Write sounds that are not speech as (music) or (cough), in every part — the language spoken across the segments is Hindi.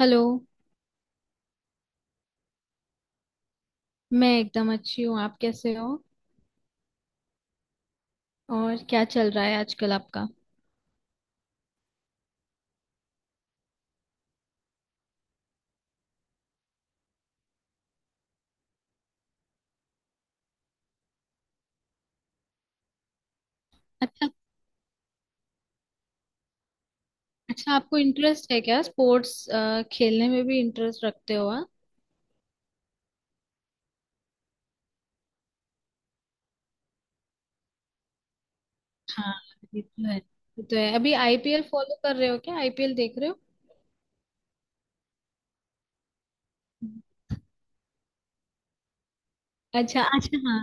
हेलो। मैं एकदम अच्छी हूँ, आप कैसे हो? और क्या चल रहा है आजकल आपका? अच्छा, अच्छा आपको इंटरेस्ट है क्या स्पोर्ट्स? खेलने में भी इंटरेस्ट रखते हो आप? हाँ, ये तो है, ये तो है। अभी आईपीएल फॉलो कर रहे हो क्या, आईपीएल देख रहे हो? अच्छा अच्छा, हाँ।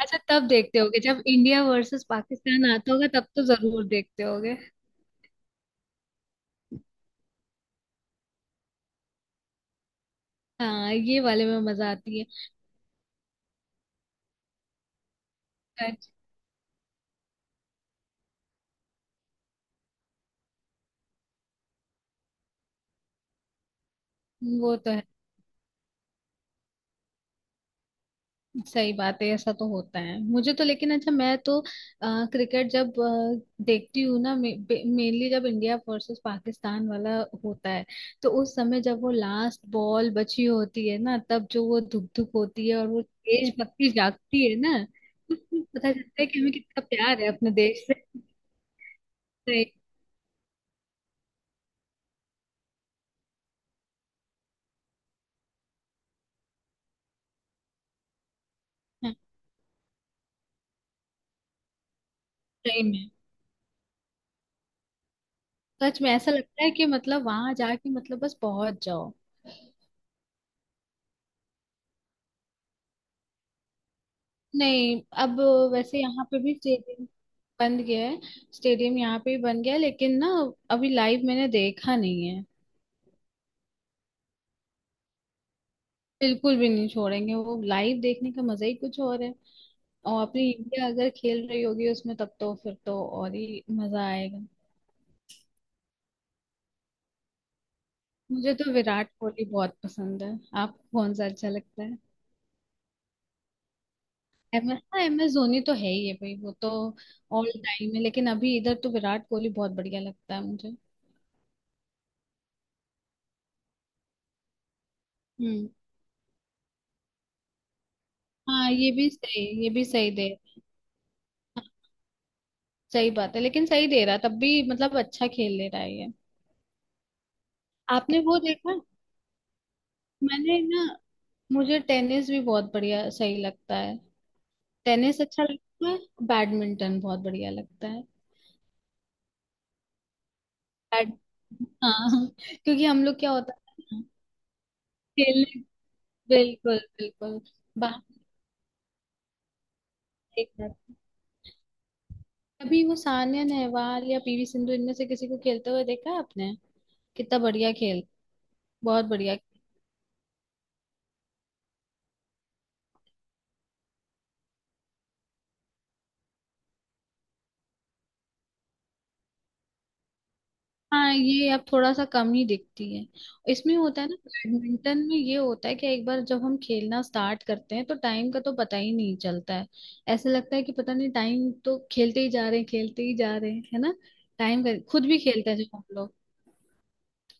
अच्छा, तब देखते होगे जब इंडिया वर्सेस पाकिस्तान आता होगा तब तो जरूर देखते होगे। हाँ, ये वाले में मजा आती है। अच्छा, वो तो सही बात है, ऐसा तो होता है। मुझे तो लेकिन अच्छा, मैं तो क्रिकेट जब देखती हूँ ना, मेनली जब इंडिया वर्सेस पाकिस्तान वाला होता है, तो उस समय जब वो लास्ट बॉल बची होती है ना, तब जो वो धुक धुक होती है और वो देशभक्ति जागती है ना। (laughs) उसमें पता चलता है कि हमें कितना प्यार है अपने देश से। सही। हाँ, सही में सच में ऐसा लगता है कि मतलब वहां जाके मतलब बस पहुंच जाओ। नहीं अब वैसे यहाँ पे भी स्टेडियम बन गया है। स्टेडियम यहाँ पे भी बन गया है लेकिन ना अभी लाइव मैंने देखा नहीं है। बिल्कुल भी नहीं छोड़ेंगे, वो लाइव देखने का मजा ही कुछ और है। और अपनी इंडिया अगर खेल रही होगी उसमें, तब तो फिर तो और ही मजा आएगा। मुझे तो विराट कोहली बहुत पसंद है। आपको कौन सा अच्छा लगता है? एम एस, हाँ एम एस धोनी तो है ही है भाई, वो तो ऑल टाइम है। लेकिन अभी इधर तो विराट कोहली बहुत बढ़िया लगता है मुझे। हम्म, हाँ ये भी सही, ये भी सही दे सही बात है। लेकिन सही दे रहा है, तब भी मतलब अच्छा खेल ले रहा है ये। आपने वो देखा? मैंने ना मुझे टेनिस भी बहुत बढ़िया सही लगता है। टेनिस अच्छा लगता है, बैडमिंटन बहुत बढ़िया लगता है। बैड हाँ (laughs) क्योंकि हम लोग क्या होता है ना, खेलने बिल्कुल बिल्कुल। बाहर देख रहे थे। अभी वो सानिया नेहवाल या पीवी सिंधु इनमें से किसी को खेलते हुए देखा है आपने? कितना बढ़िया खेल। बहुत बढ़िया। हाँ, ये अब थोड़ा सा कम ही दिखती है। इसमें होता है ना बैडमिंटन में, ये होता है कि एक बार जब हम खेलना स्टार्ट करते हैं तो टाइम का तो पता ही नहीं चलता है। ऐसा लगता है कि पता नहीं, टाइम तो खेलते ही जा रहे हैं, खेलते ही जा रहे हैं, है ना? टाइम का खुद भी खेलते हैं जब हम लोग।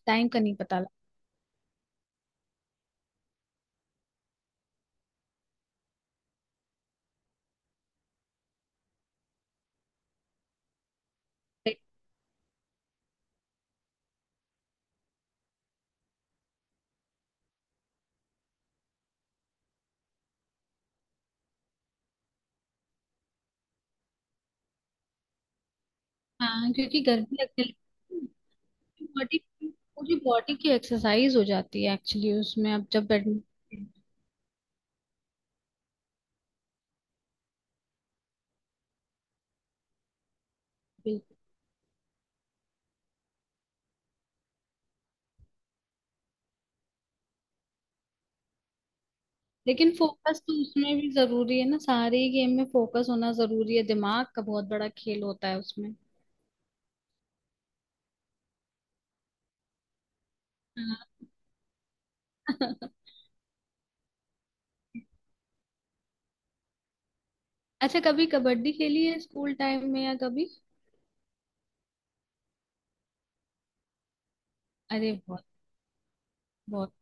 टाइम का नहीं पता लगता है। हाँ, क्योंकि गर्मी लगने लगती है बॉडी। पूरी बॉडी की एक्सरसाइज हो जाती है एक्चुअली उसमें, अब जब बैडमिंटन। लेकिन फोकस तो उसमें भी जरूरी है ना, सारे ही गेम में फोकस होना जरूरी है, दिमाग का बहुत बड़ा खेल होता है उसमें। हाँ। (laughs) अच्छा, कभी कबड्डी खेली है स्कूल टाइम में या कभी? अरे बहुत बहुत।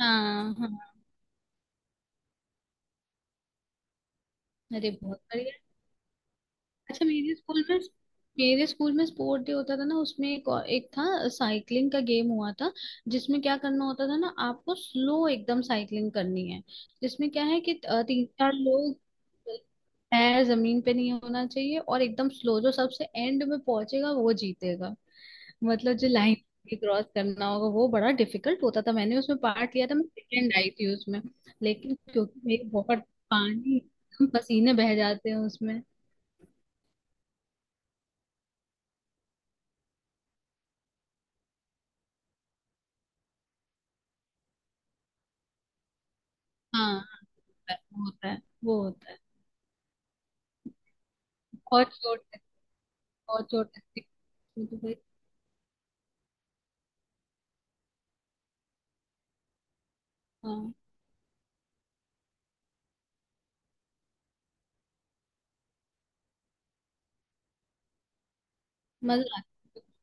हाँ हाँ। अरे बहुत बढ़िया। अच्छा मेरे स्कूल में, मेरे स्कूल में स्पोर्ट डे होता था ना, उसमें एक, एक था साइकिलिंग का गेम हुआ था। जिसमें क्या करना होता था ना, आपको स्लो एकदम साइकिलिंग करनी है। जिसमें क्या है कि तीन चार लोग पैर जमीन पे नहीं होना चाहिए और एकदम स्लो, जो सबसे एंड में पहुंचेगा वो जीतेगा। मतलब जो लाइन क्रॉस करना होगा वो बड़ा डिफिकल्ट होता था। मैंने उसमें पार्ट लिया था, मैं सेकेंड आई थी उसमें। लेकिन क्योंकि मेरी बहुत पानी पसीने बह जाते हैं उसमें। हाँ होता है, वो होता है। वो होता है। और चोट लगती- और चोट लगती है तो भाई। हाँ मजा आता है।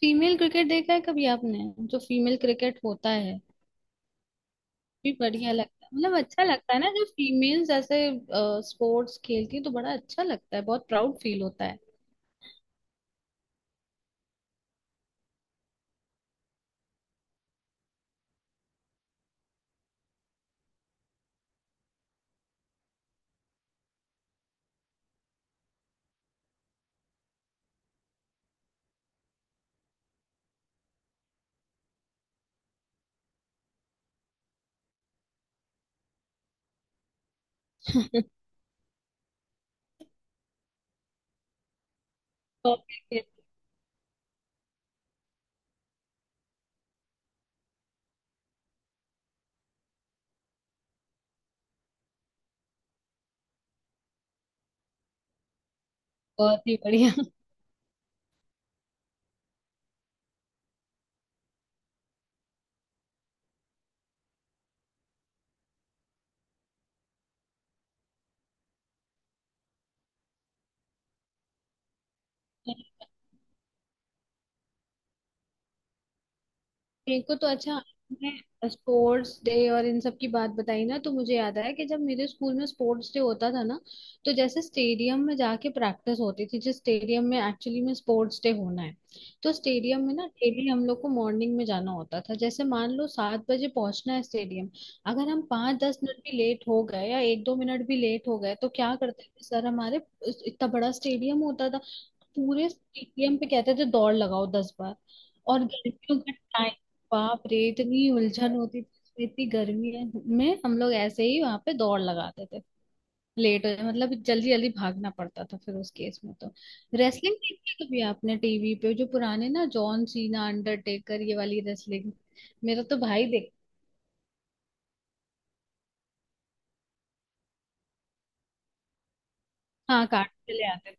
फीमेल क्रिकेट देखा है कभी आपने? जो फीमेल क्रिकेट होता है भी बढ़िया लगता है, मतलब अच्छा लगता है ना जब फीमेल्स ऐसे स्पोर्ट्स खेलती है, तो बड़ा अच्छा लगता है, बहुत प्राउड फील होता है। तो आपके लिए बहुत ही बढ़िया। मेरे को तो अच्छा। मैं स्पोर्ट्स डे और इन सब की बात बताई ना, तो मुझे याद आया कि जब मेरे स्कूल में स्पोर्ट्स डे होता था ना, तो जैसे स्टेडियम में जाके प्रैक्टिस होती थी जिस स्टेडियम में एक्चुअली में स्पोर्ट्स डे होना है। तो स्टेडियम में ना डेली हम लोग को मॉर्निंग में जाना होता था, जैसे मान लो 7 बजे पहुंचना है स्टेडियम। अगर हम पाँच दस मिनट भी लेट हो गए या एक दो मिनट भी लेट हो गए तो क्या करते थे सर हमारे, इतना बड़ा स्टेडियम होता था, पूरे स्टेडियम पे कहते थे दौड़ लगाओ 10 बार। और गर्मियों का बाप रे, इतनी उलझन होती थी, इतनी गर्मी है में हम लोग ऐसे ही वहां पे दौड़ लगाते थे। लेट हो जाए मतलब जल्दी जल्दी भागना पड़ता था फिर उस केस में तो। रेसलिंग देखी है कभी आपने टीवी पे, जो पुराने ना जॉन सीना अंडरटेकर ये वाली रेसलिंग? मेरा तो भाई देख। हाँ कार्ड चले आते थे।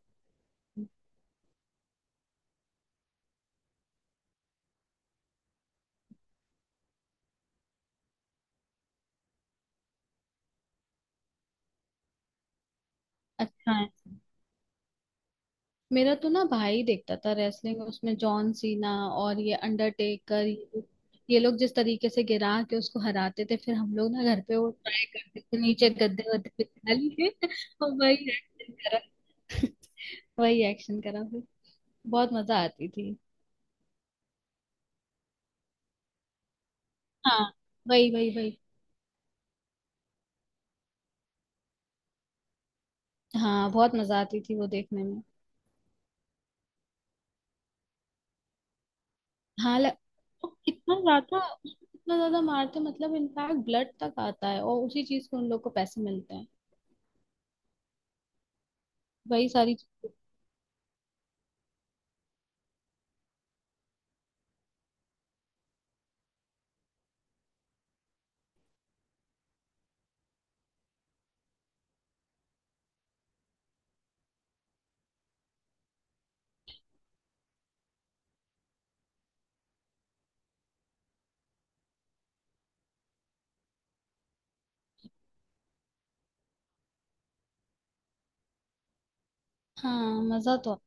अच्छा है। मेरा तो ना भाई देखता था रेसलिंग, उसमें जॉन सीना और ये अंडरटेकर, ये लोग जिस तरीके से गिरा के उसको हराते थे, फिर हम लोग ना घर पे वो ट्राई करते थे नीचे गद्दे वद्दे पे डाल के (laughs) और वही एक्शन करा। (laughs) वही एक्शन करा फिर। बहुत मजा आती थी। हाँ, वही वही वही। हाँ, बहुत मजा आती थी वो देखने में। हाँ ल... तो कितना ज्यादा, कितना ज्यादा मारते मतलब, इनफैक्ट ब्लड तक आता है और उसी चीज को उन लोग को पैसे मिलते हैं। वही सारी। हाँ मजा तो।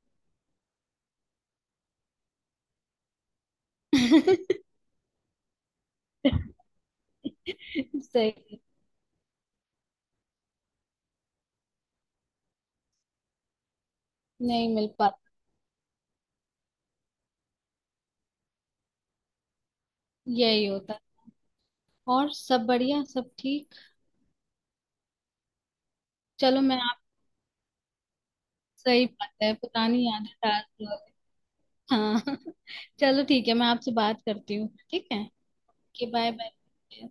(laughs) सही है, नहीं मिल पाता। यही होता है। और सब बढ़िया, सब ठीक। चलो मैं आप। सही बात है, पुरानी यादें ताज़ा हो गई। हाँ (laughs) चलो ठीक है, मैं आपसे बात करती हूँ, ठीक है? कि बाय बाय।